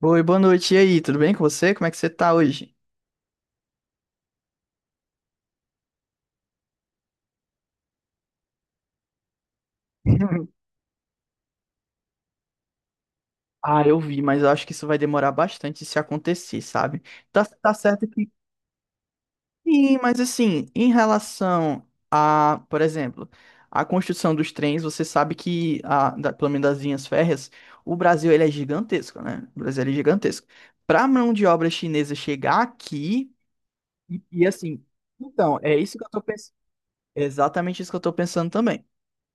Oi, boa noite. E aí, tudo bem com você? Como é que você tá hoje? Ah, eu vi, mas eu acho que isso vai demorar bastante se acontecer, sabe? Tá certo que sim, mas assim, em relação a, por exemplo, a construção dos trens, você sabe que, a, da, pelo menos das linhas férreas, o Brasil ele é gigantesco, né? O Brasil ele é gigantesco. Pra mão de obra chinesa chegar aqui, e assim, então, é isso que eu tô pensando. Exatamente isso que eu tô pensando também.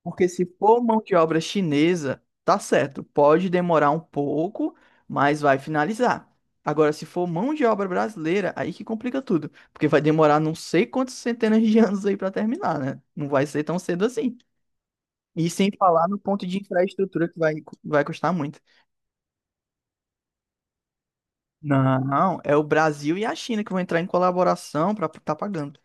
Porque se for mão de obra chinesa, tá certo, pode demorar um pouco, mas vai finalizar. Agora, se for mão de obra brasileira, aí que complica tudo, porque vai demorar não sei quantas centenas de anos aí para terminar, né? Não vai ser tão cedo assim. E sem falar no ponto de infraestrutura que vai, vai custar muito. Não, é o Brasil e a China que vão entrar em colaboração para estar pagando.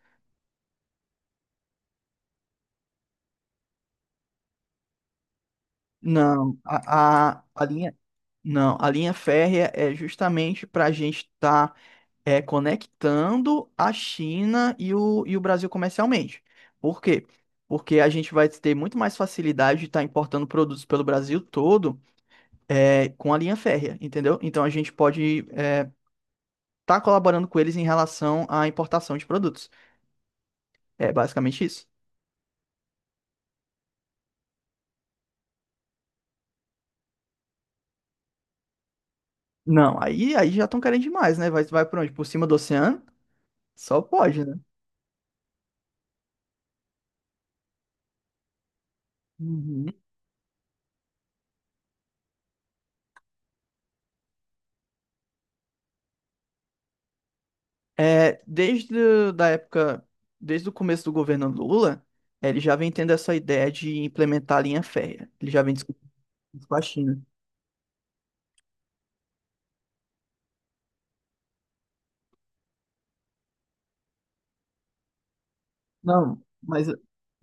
Não, a linha, Não, a linha férrea é justamente para a gente estar conectando a China e o Brasil comercialmente. Por quê? Porque a gente vai ter muito mais facilidade de estar importando produtos pelo Brasil todo com a linha férrea, entendeu? Então a gente pode estar colaborando com eles em relação à importação de produtos. É basicamente isso. Não, aí já estão querendo demais, né? Vai por onde? Por cima do oceano? Só pode, né? Uhum. Da época, desde o começo do governo Lula, ele já vem tendo essa ideia de implementar a linha férrea. Ele já vem discutindo isso com a China. Não, mas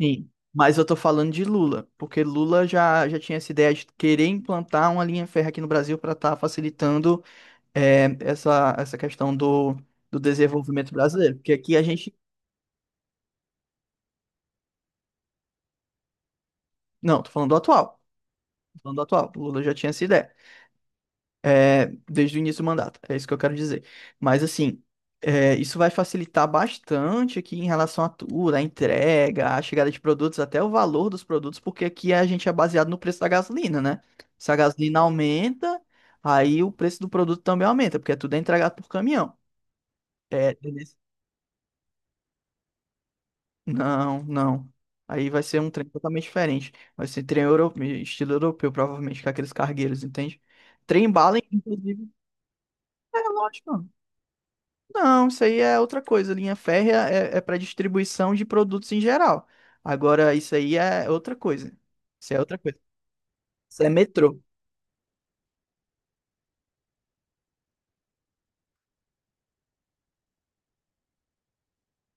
sim, mas eu tô falando de Lula, porque Lula já tinha essa ideia de querer implantar uma linha férrea aqui no Brasil para estar facilitando essa questão do desenvolvimento brasileiro. Porque aqui a gente. Não, tô falando do atual. Tô falando do atual. Lula já tinha essa ideia. Desde o início do mandato. É isso que eu quero dizer. Mas, assim, é, isso vai facilitar bastante aqui em relação à tudo, à entrega, à chegada de produtos, até o valor dos produtos, porque aqui a gente é baseado no preço da gasolina, né? Se a gasolina aumenta, aí o preço do produto também aumenta, porque tudo é entregado por caminhão. É, beleza. Não. Aí vai ser um trem totalmente diferente. Vai ser trem europeu, estilo europeu, provavelmente, com aqueles cargueiros, entende? Trem bala, inclusive. É lógico. Não, isso aí é outra coisa. Linha férrea é para distribuição de produtos em geral. Agora, isso aí é outra coisa. Isso é outra coisa. Isso é metrô.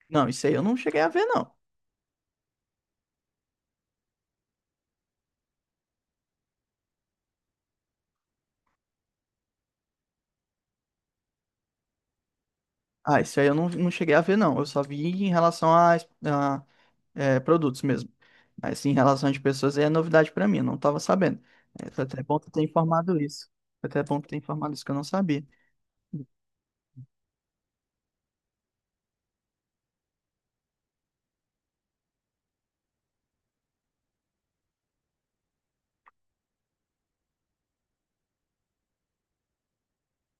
Não, isso aí eu não cheguei a ver, não. Ah, isso aí eu não cheguei a ver, não. Eu só vi em relação a produtos mesmo. Mas em relação de pessoas aí é novidade pra mim, eu não tava sabendo. É, foi até bom tu ter informado isso. Foi até bom tu ter informado isso que eu não sabia.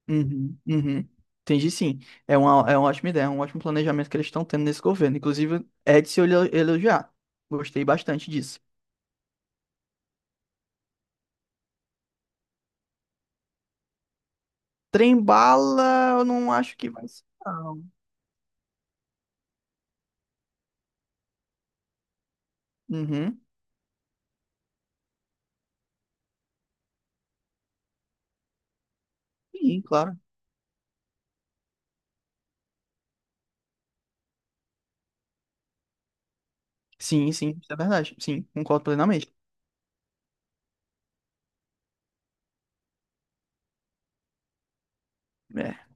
Uhum, uhum. Entendi, sim. É uma ótima ideia, é um ótimo planejamento que eles estão tendo nesse governo. Inclusive, é de se elogiar. Gostei bastante disso. Trembala, eu não acho que vai ser, não. Uhum. Sim, claro. Sim, sim, isso é verdade. Sim, concordo plenamente. É.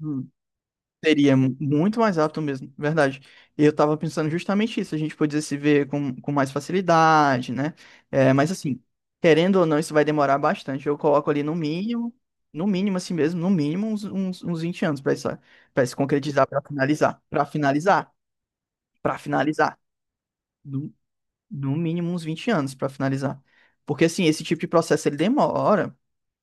Hum. Muito mais rápido mesmo, verdade. Eu tava pensando justamente isso, a gente podia se ver com mais facilidade, né? É, mas assim, querendo ou não, isso vai demorar bastante. Eu coloco ali no mínimo, no mínimo assim mesmo, no mínimo uns 20 anos pra isso, para se concretizar, pra finalizar. No, no mínimo uns 20 anos pra finalizar. Porque assim, esse tipo de processo ele demora.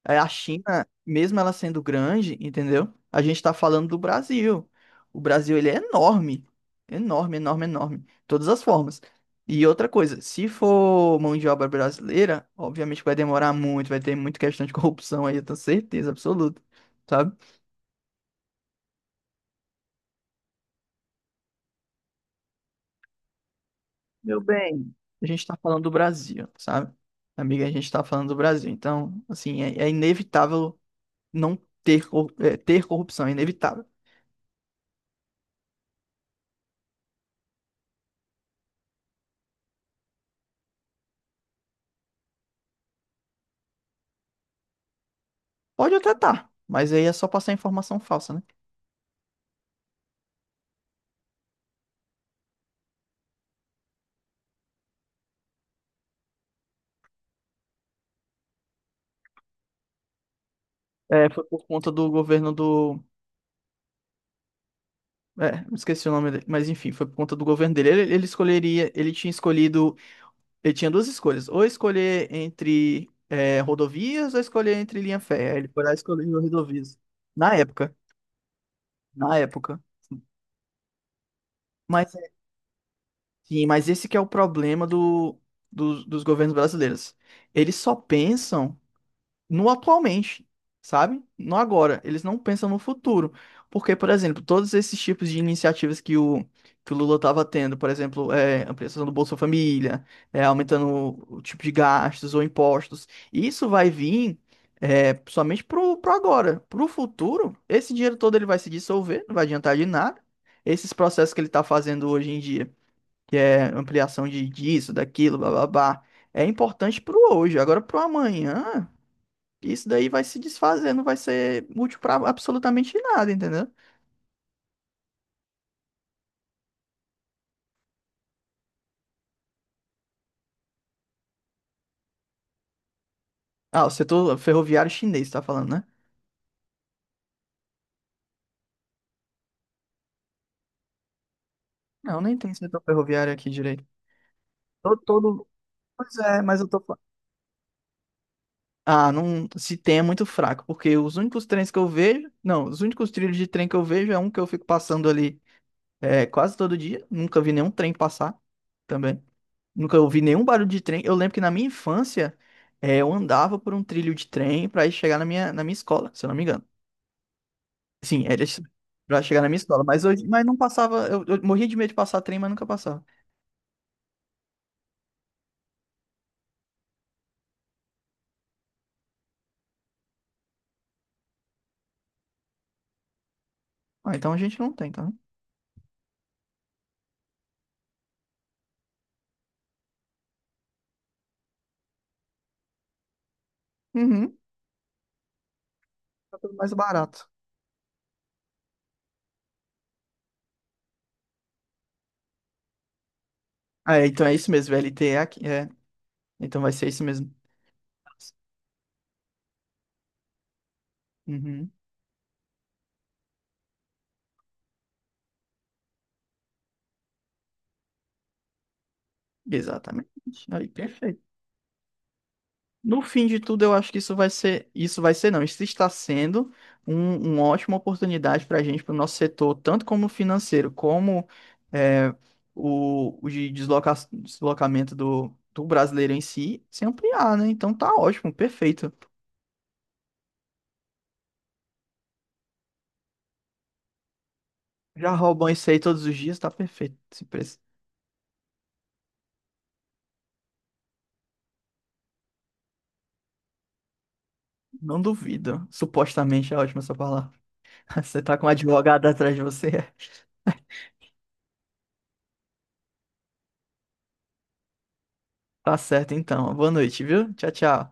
É, a China, mesmo ela sendo grande, entendeu? A gente tá falando do Brasil. O Brasil, ele é enorme. Enorme, enorme, enorme. De todas as formas. E outra coisa, se for mão de obra brasileira, obviamente vai demorar muito, vai ter muita questão de corrupção aí, eu tenho certeza absoluta, sabe? Meu bem. A gente tá falando do Brasil, sabe? Amiga, a gente tá falando do Brasil. Então, assim, é inevitável não ter corrupção, é inevitável. Pode até tá, mas aí é só passar informação falsa, né? É, foi por conta do governo do. É, esqueci o nome dele, mas enfim, foi por conta do governo dele. Ele escolheria, ele tinha escolhido, ele tinha duas escolhas, ou escolher entre rodovias ou escolher entre linha férrea. Ele foi lá e escolheu rodovias. Na época, na época. Mas, é, sim, mas esse que é o problema do, dos governos brasileiros. Eles só pensam no atualmente, sabe? No agora. Eles não pensam no futuro. Porque, por exemplo, todos esses tipos de iniciativas que o Lula estava tendo, por exemplo, ampliação do Bolsa Família, é, aumentando o tipo de gastos ou impostos, isso vai vir somente pro agora. Pro futuro, esse dinheiro todo ele vai se dissolver, não vai adiantar de nada. Esses processos que ele está fazendo hoje em dia, que é ampliação de disso, daquilo, blá blá blá, é importante pro hoje. Agora, pro amanhã isso daí vai se desfazer, não vai ser útil pra absolutamente nada, entendeu? Ah, o setor ferroviário chinês, tá falando, né? Não, nem tem setor ferroviário aqui direito. Todo, todo... Pois é, mas eu tô falando. Ah, não, se tem é muito fraco, porque os únicos trens que eu vejo, não, os únicos trilhos de trem que eu vejo é um que eu fico passando ali quase todo dia, nunca vi nenhum trem passar também. Nunca ouvi nenhum barulho de trem. Eu lembro que na minha infância, eu andava por um trilho de trem pra ir chegar na minha escola, se eu não me engano. Sim, era isso pra chegar na minha escola. Mas hoje, mas não passava. Eu morria de medo de passar trem, mas nunca passava. Ah, então a gente não tem, tá? Uhum. Tá tudo mais barato. Ah, é, então é isso mesmo. VLT é aqui. É. Então vai ser isso mesmo. Uhum. Exatamente. Aí, perfeito. No fim de tudo, eu acho que isso vai ser não, isso está sendo uma ótima oportunidade para a gente, para o nosso setor, tanto como financeiro, como é, o de deslocamento do brasileiro em si, se ampliar, né? Então tá ótimo, perfeito. Já roubam isso aí todos os dias, tá perfeito esse preço. Não duvido. Supostamente é ótima essa palavra. Você tá com um advogado atrás de você. Tá certo então. Boa noite, viu? Tchau, tchau.